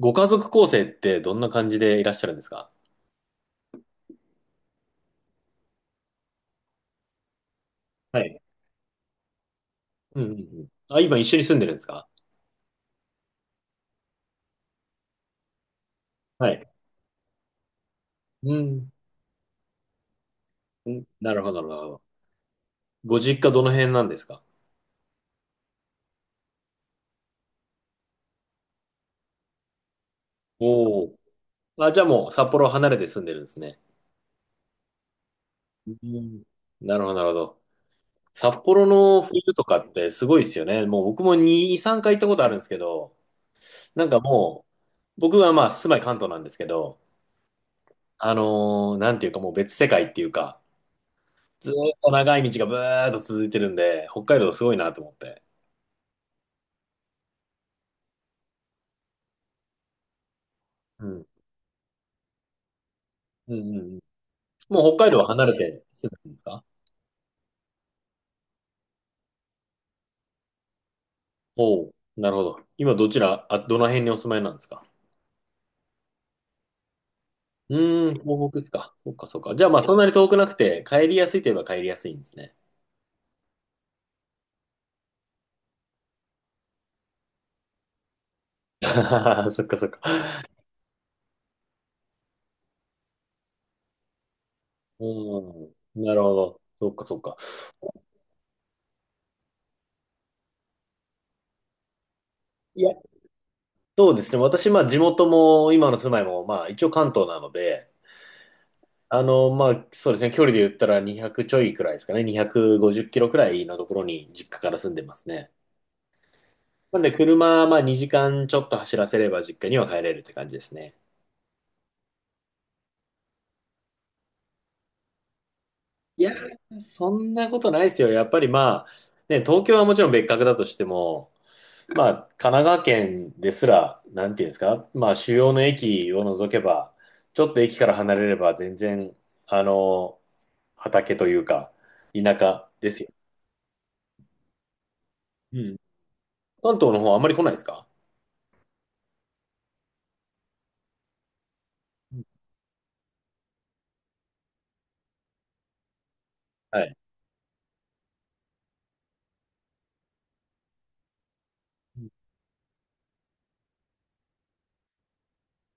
ご家族構成ってどんな感じでいらっしゃるんですか？はい。うんうんうん。あ、今一緒に住んでるんですか？はい。うん。うん、なるほど、なるほど。ご実家どの辺なんですか？おおー。あ、じゃあもう札幌離れて住んでるんですね。うん、なるほど、なるほど。札幌の冬とかってすごいですよね。もう僕も2、3回行ったことあるんですけど、なんかもう、僕はまあ住まい関東なんですけど、なんていうかもう別世界っていうか、ずーっと長い道がブーっと続いてるんで、北海道すごいなと思って。うん。うんうんうん。もう北海道は離れて住んでるんですか？おおう、なるほど。今どちら、あ、どの辺にお住まいなんですか？うーん、東北ですか。そっかそっか。じゃあまあそんなに遠くなくて、帰りやすいといえば帰りやすいんですね。そっかそっか。うん、なるほど。そっかそっか。いや、そうですね。私、まあ地元も今の住まいも、まあ一応関東なので、あの、まあ、そうですね。距離で言ったら200ちょいくらいですかね。250キロくらいのところに実家から住んでますね。なんで、車、まあ、2時間ちょっと走らせれば実家には帰れるって感じですね。いやー、そんなことないですよ。やっぱりまあ、ね、東京はもちろん別格だとしても、まあ、神奈川県ですら、なんていうんですか、まあ、主要の駅を除けば、ちょっと駅から離れれば全然、あの、畑というか、田舎ですよ。うん。関東の方あんまり来ないですか？はい。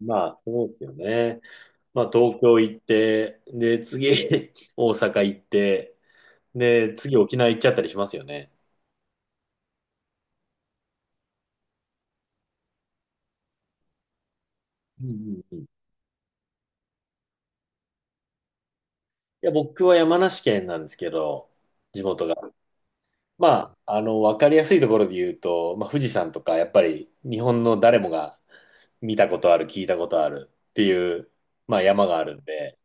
まあ、そうですよね。まあ、東京行って、で、次、大阪行って、で、次、沖縄行っちゃったりしますよね。うんうんうん。いや、僕は山梨県なんですけど、地元が。まあ、あの、わかりやすいところで言うと、まあ、富士山とか、やっぱり日本の誰もが見たことある、聞いたことあるっていう、まあ、山があるんで、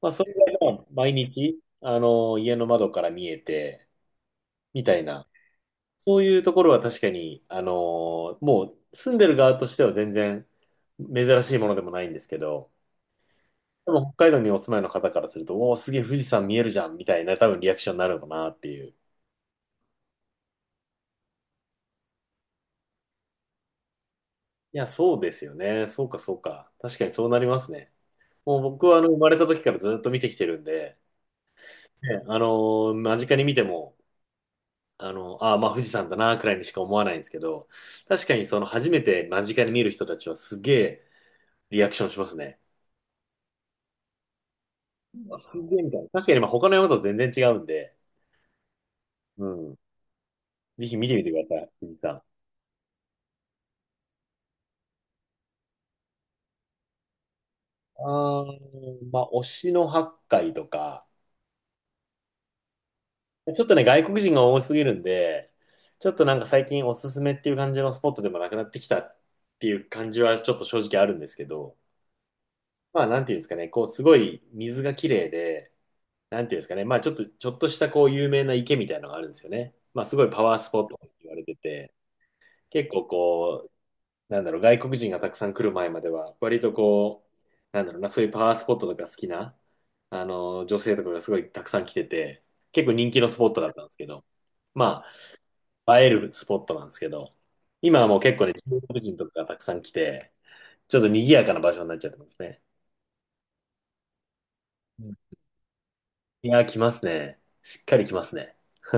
まあ、それがまあ毎日、あの、家の窓から見えて、みたいな、そういうところは確かに、もう住んでる側としては全然珍しいものでもないんですけど、でも北海道にお住まいの方からすると、おお、すげえ富士山見えるじゃんみたいな多分リアクションになるのかなっていう。いや、そうですよね。そうか、そうか。確かにそうなりますね。もう僕はあの生まれた時からずっと見てきてるんで、ね、間近に見ても、あの、ああー、まあ富士山だなくらいにしか思わないんですけど、確かにその初めて間近に見る人たちはすげえリアクションしますね。すげえみたいな。確かにまあ他の山と全然違うんで、うん。ぜひ見てみてください、藤井さん。あー、まあ、推しの八海とか、ちょっとね、外国人が多すぎるんで、ちょっとなんか最近おすすめっていう感じのスポットでもなくなってきたっていう感じはちょっと正直あるんですけど、まあ、なんていうんですかね、こう、すごい水が綺麗で、なんていうんですかね、まあ、ちょっと、ちょっとしたこう、有名な池みたいなのがあるんですよね。まあ、すごいパワースポットって言われてて、結構こなんだろう、外国人がたくさん来る前までは、割とこう、なんだろうな、そういうパワースポットとか好きな、あの、女性とかがすごいたくさん来てて、結構人気のスポットだったんですけど、まあ、映えるスポットなんですけど、今はもう結構ね、中国人とかがたくさん来て、ちょっと賑やかな場所になっちゃってますね。うん。いやー、来ますね。しっかり来ますね。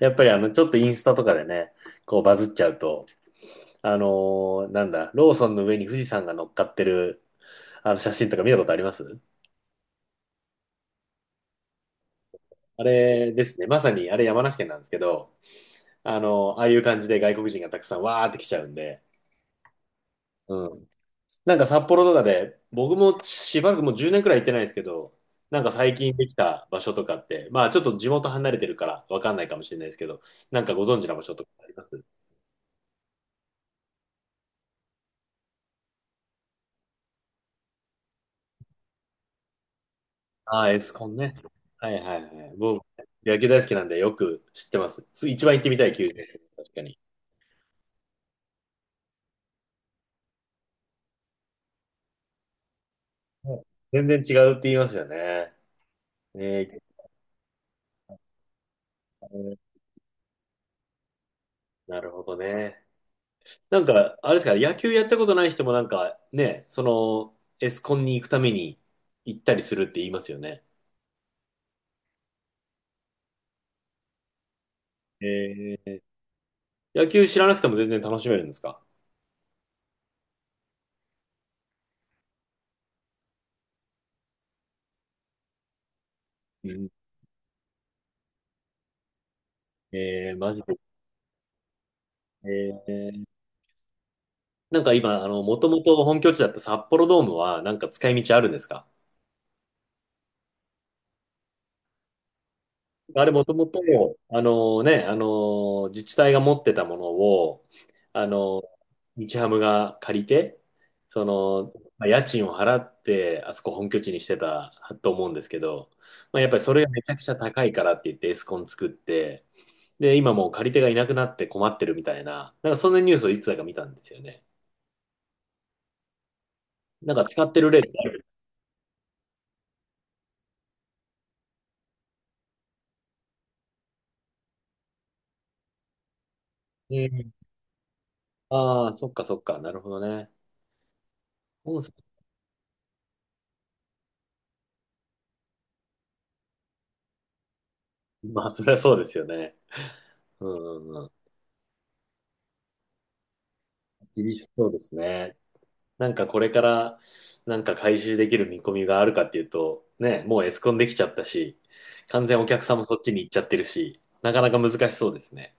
やっぱりあの、ちょっとインスタとかでね、こうバズっちゃうと、あのなんだ、ローソンの上に富士山が乗っかってる、あの写真とか見たことあります？あれですね。まさに、あれ山梨県なんですけど、ああいう感じで外国人がたくさんわーって来ちゃうんで、うん。なんか札幌とかで、僕もしばらくもう10年くらい行ってないですけど、なんか最近できた場所とかって、まあちょっと地元離れてるからわかんないかもしれないですけど、なんかご存知な場所とかあります？ああ、エスコンね。はいはいはい。僕、野球大好きなんでよく知ってます。つ一番行ってみたい球場です。確かに。はい、全然違うって言いますよね。ねえ、なるほどね。なんか、あれですか、野球やったことない人もなんかね、その、エスコンに行くために行ったりするって言いますよね。えー、野球知らなくても全然楽しめるんですか？うん。えー、マジで。えー、なんか今、あの、もともと本拠地だった札幌ドームは、なんか使い道あるんですか？あれもともと、あのね、あの、自治体が持ってたものを、あの、日ハムが借りて、その、まあ、家賃を払って、あそこ本拠地にしてたと思うんですけど、まあ、やっぱりそれがめちゃくちゃ高いからって言ってエスコン作って、で、今もう借り手がいなくなって困ってるみたいな、なんかそんなニュースをいつだか見たんですよね。なんか使ってる例ってある。うん。ああ、そっかそっか、なるほどね。本社まあ、そりゃそうですよね。うんうんうん。厳しそうですね。なんかこれからなんか回収できる見込みがあるかっていうと、ね、もうエスコンできちゃったし、完全お客さんもそっちに行っちゃってるし、なかなか難しそうですね。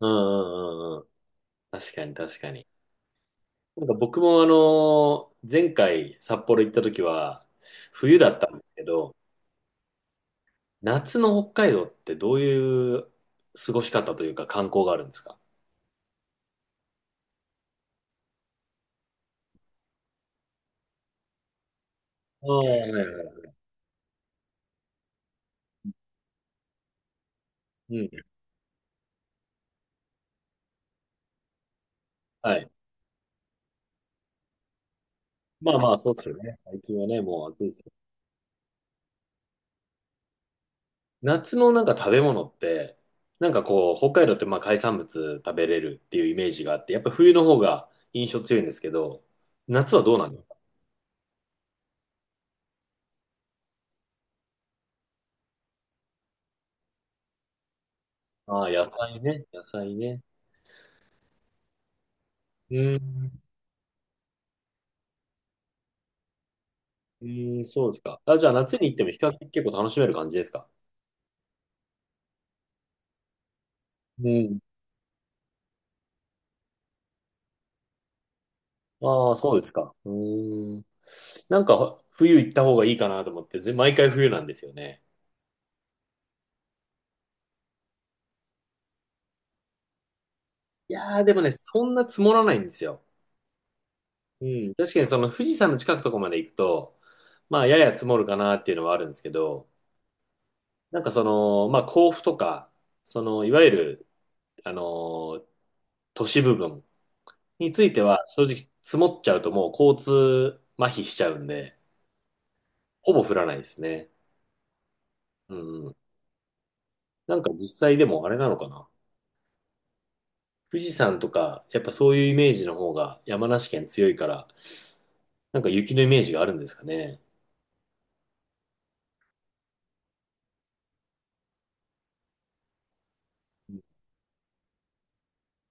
うんうんうんうん。確かに確かに。なんか僕も前回札幌行った時は、冬だったんですけど、夏の北海道ってどういう過ごし方というか観光があるんですか？ああ、はいはいはい。うん。はい。まあまあ、そうっすよね。最近はね、もう暑いっす。夏のなんか食べ物って、なんかこう、北海道ってまあ海産物食べれるっていうイメージがあって、やっぱ冬の方が印象強いんですけど、夏はどうなんですか？ああ、野菜ね、野菜ね。うーん。うーん、そうですか。あ、じゃあ夏に行っても比較的結構楽しめる感じですか？うん。ああ、そうですか。うーん。なんか冬行った方がいいかなと思って、ぜ毎回冬なんですよね。いやー、でもね、そんな積もらないんですよ。うん、確かにその富士山の近くとこまで行くと、まあやや積もるかなっていうのはあるんですけど、なんかその、まあ甲府とか、そのいわゆる、あの、都市部分については正直積もっちゃうともう交通麻痺しちゃうんで、ほぼ降らないですね。うんうん。なんか実際でもあれなのかな。富士山とか、やっぱそういうイメージの方が山梨県強いから、なんか雪のイメージがあるんですかね。